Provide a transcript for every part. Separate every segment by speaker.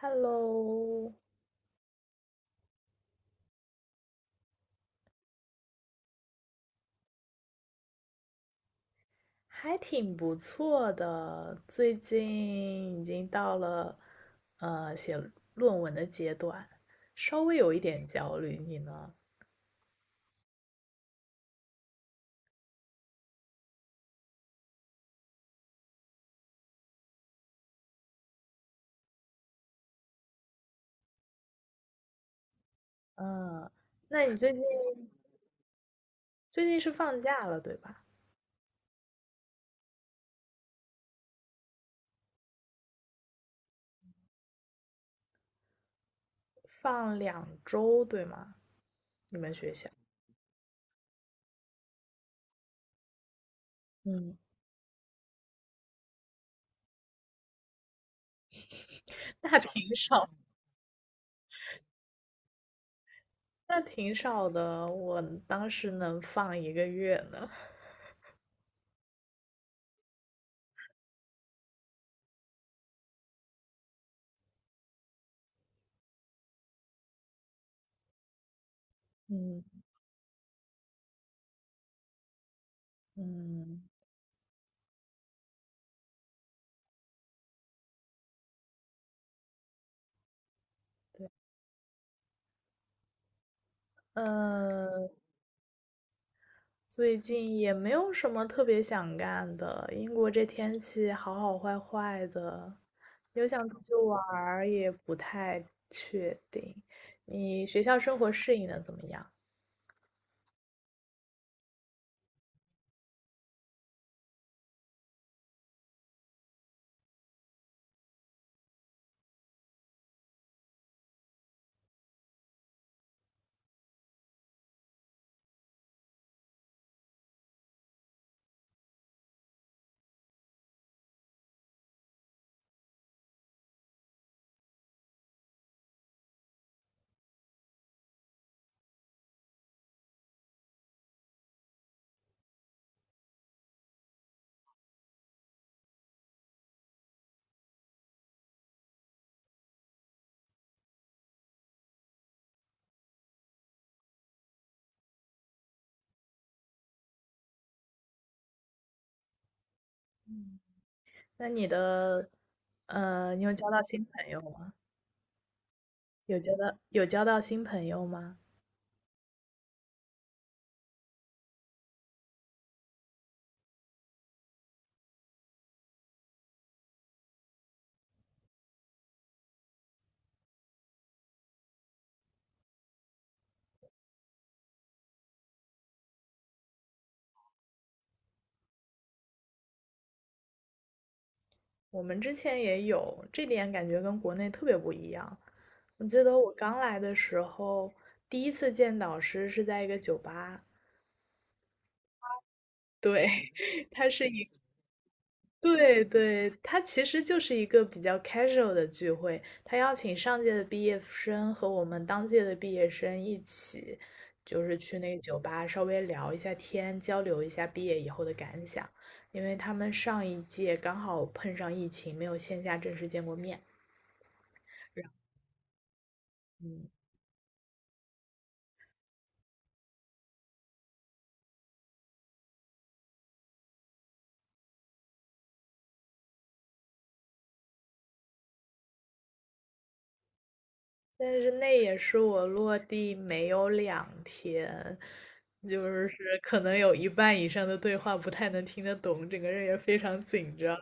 Speaker 1: Hello，还挺不错的，最近已经到了写论文的阶段，稍微有一点焦虑。你呢？嗯，那你最近是放假了对吧？放2周对吗？你们学校？嗯 那挺少，那挺少的。我当时能放一个月呢。嗯嗯。呃，最近也没有什么特别想干的，英国这天气好好坏坏的，有想出去玩儿也不太确定。你学校生活适应的怎么样？那你的，你有交到新朋友吗？有交到新朋友吗？我们之前也有，这点感觉跟国内特别不一样。我记得我刚来的时候，第一次见导师是在一个酒吧，对，他是一对对，他其实就是一个比较 casual 的聚会，他邀请上届的毕业生和我们当届的毕业生一起，就是去那个酒吧稍微聊一下天，交流一下毕业以后的感想，因为他们上一届刚好碰上疫情，没有线下正式见过面。然嗯，但是那也是我落地没有2天，就是可能有一半以上的对话不太能听得懂，整个人也非常紧张。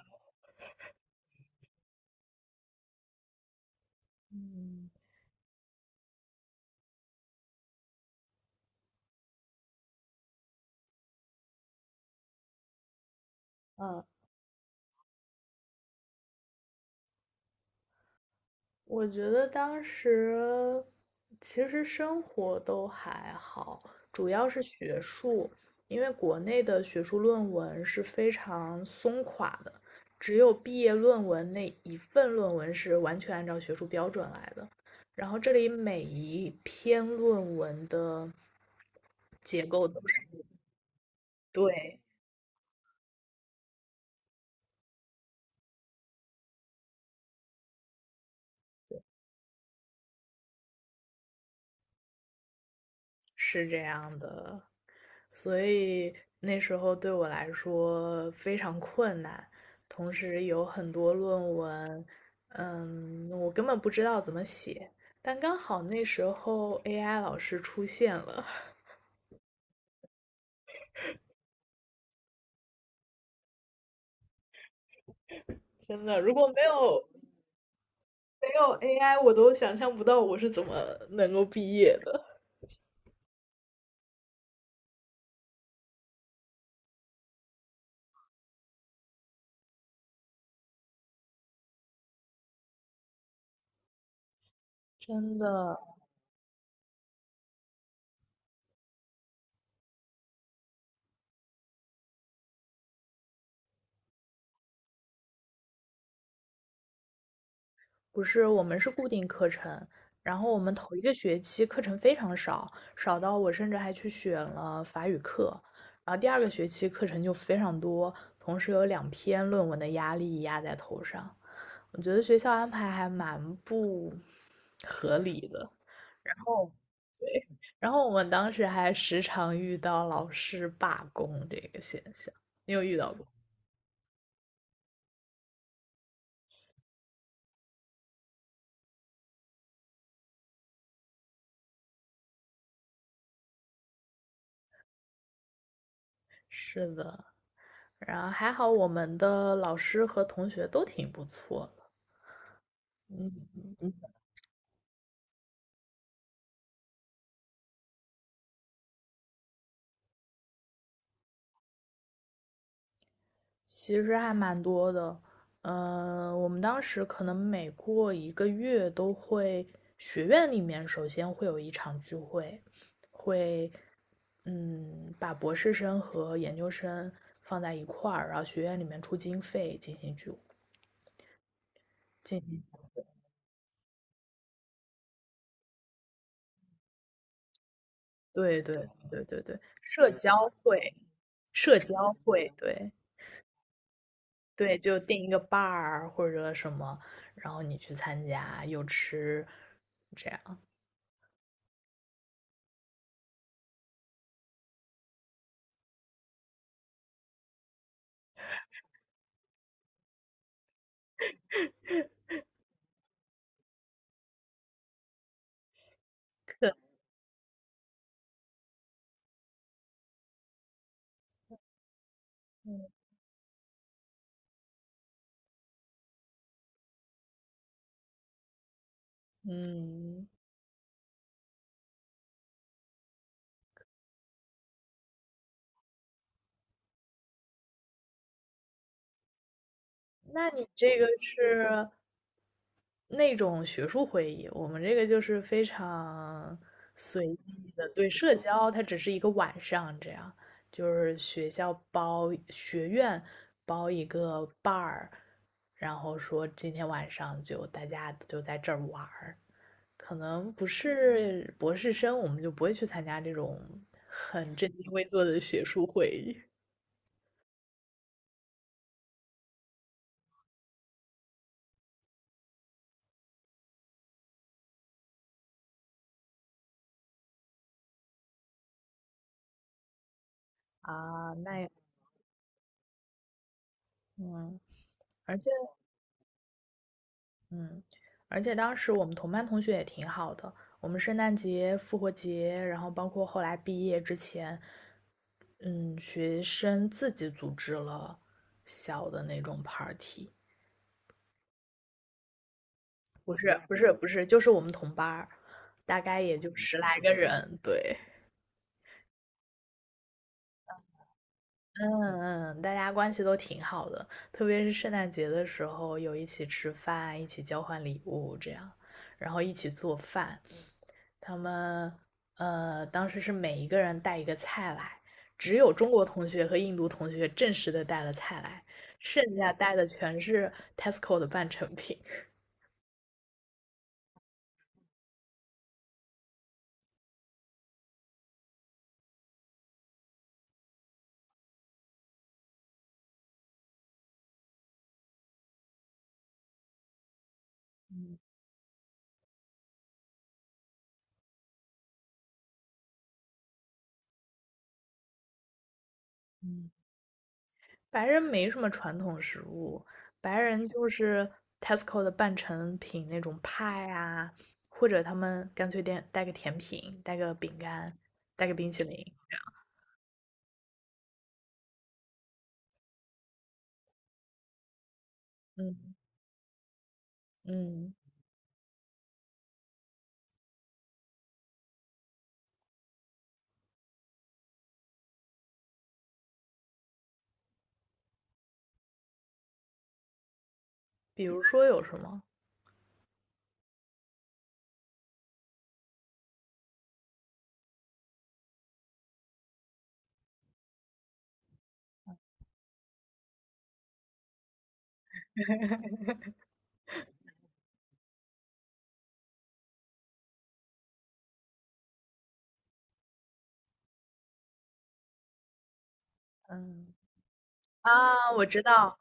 Speaker 1: 嗯。嗯，我觉得当时其实生活都还好，主要是学术，因为国内的学术论文是非常松垮的，只有毕业论文那一份论文是完全按照学术标准来的。然后这里每一篇论文的结构都是，对，是这样的。所以那时候对我来说非常困难，同时有很多论文，我根本不知道怎么写。但刚好那时候 AI 老师出现了，真的，如果没有AI，我都想象不到我是怎么能够毕业的。真的，不是，我们是固定课程，然后我们头一个学期课程非常少，少到我甚至还去选了法语课，然后第二个学期课程就非常多，同时有两篇论文的压力压在头上，我觉得学校安排还蛮不合理的。然后，然后我们当时还时常遇到老师罢工这个现象，你有遇到过？是的，然后还好我们的老师和同学都挺不错的，嗯。其实还蛮多的，我们当时可能每过一个月都会，学院里面首先会有一场聚会，会，把博士生和研究生放在一块儿，然后学院里面出经费进行聚，进行，对对对对对，社交会，社交会，对对，就定一个伴儿或者什么，然后你去参加，又吃，这样，嗯。那你这个是那种学术会议，我们这个就是非常随意的，对，社交它只是一个晚上这样，就是学校包，学院包一个伴儿，然后说今天晚上就大家就在这儿玩儿，可能不是博士生，我们就不会去参加这种很正襟危坐的学术会议啊，那也嗯，而且。嗯，而且当时我们同班同学也挺好的，我们圣诞节、复活节，然后包括后来毕业之前，嗯，学生自己组织了小的那种 party，不是不是不是，就是我们同班儿大概也就10来个人，对，嗯嗯，大家关系都挺好的，特别是圣诞节的时候，有一起吃饭，一起交换礼物这样，然后一起做饭，他们当时是每一个人带一个菜来，只有中国同学和印度同学正式的带了菜来，剩下带的全是 Tesco 的半成品。嗯，白人没什么传统食物，白人就是 Tesco 的半成品那种派啊，或者他们干脆点带个甜品，带个饼干，带个冰淇淋这样。嗯嗯，比如说有什么？嗯。啊，我知道，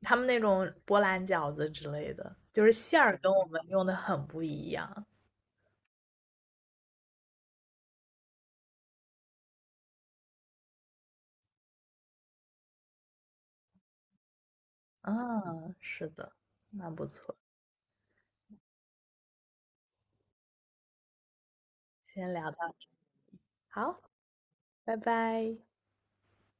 Speaker 1: 他们那种波兰饺子之类的，就是馅儿跟我们用的很不一样。嗯，是的，那不错，先聊到这，好，拜拜。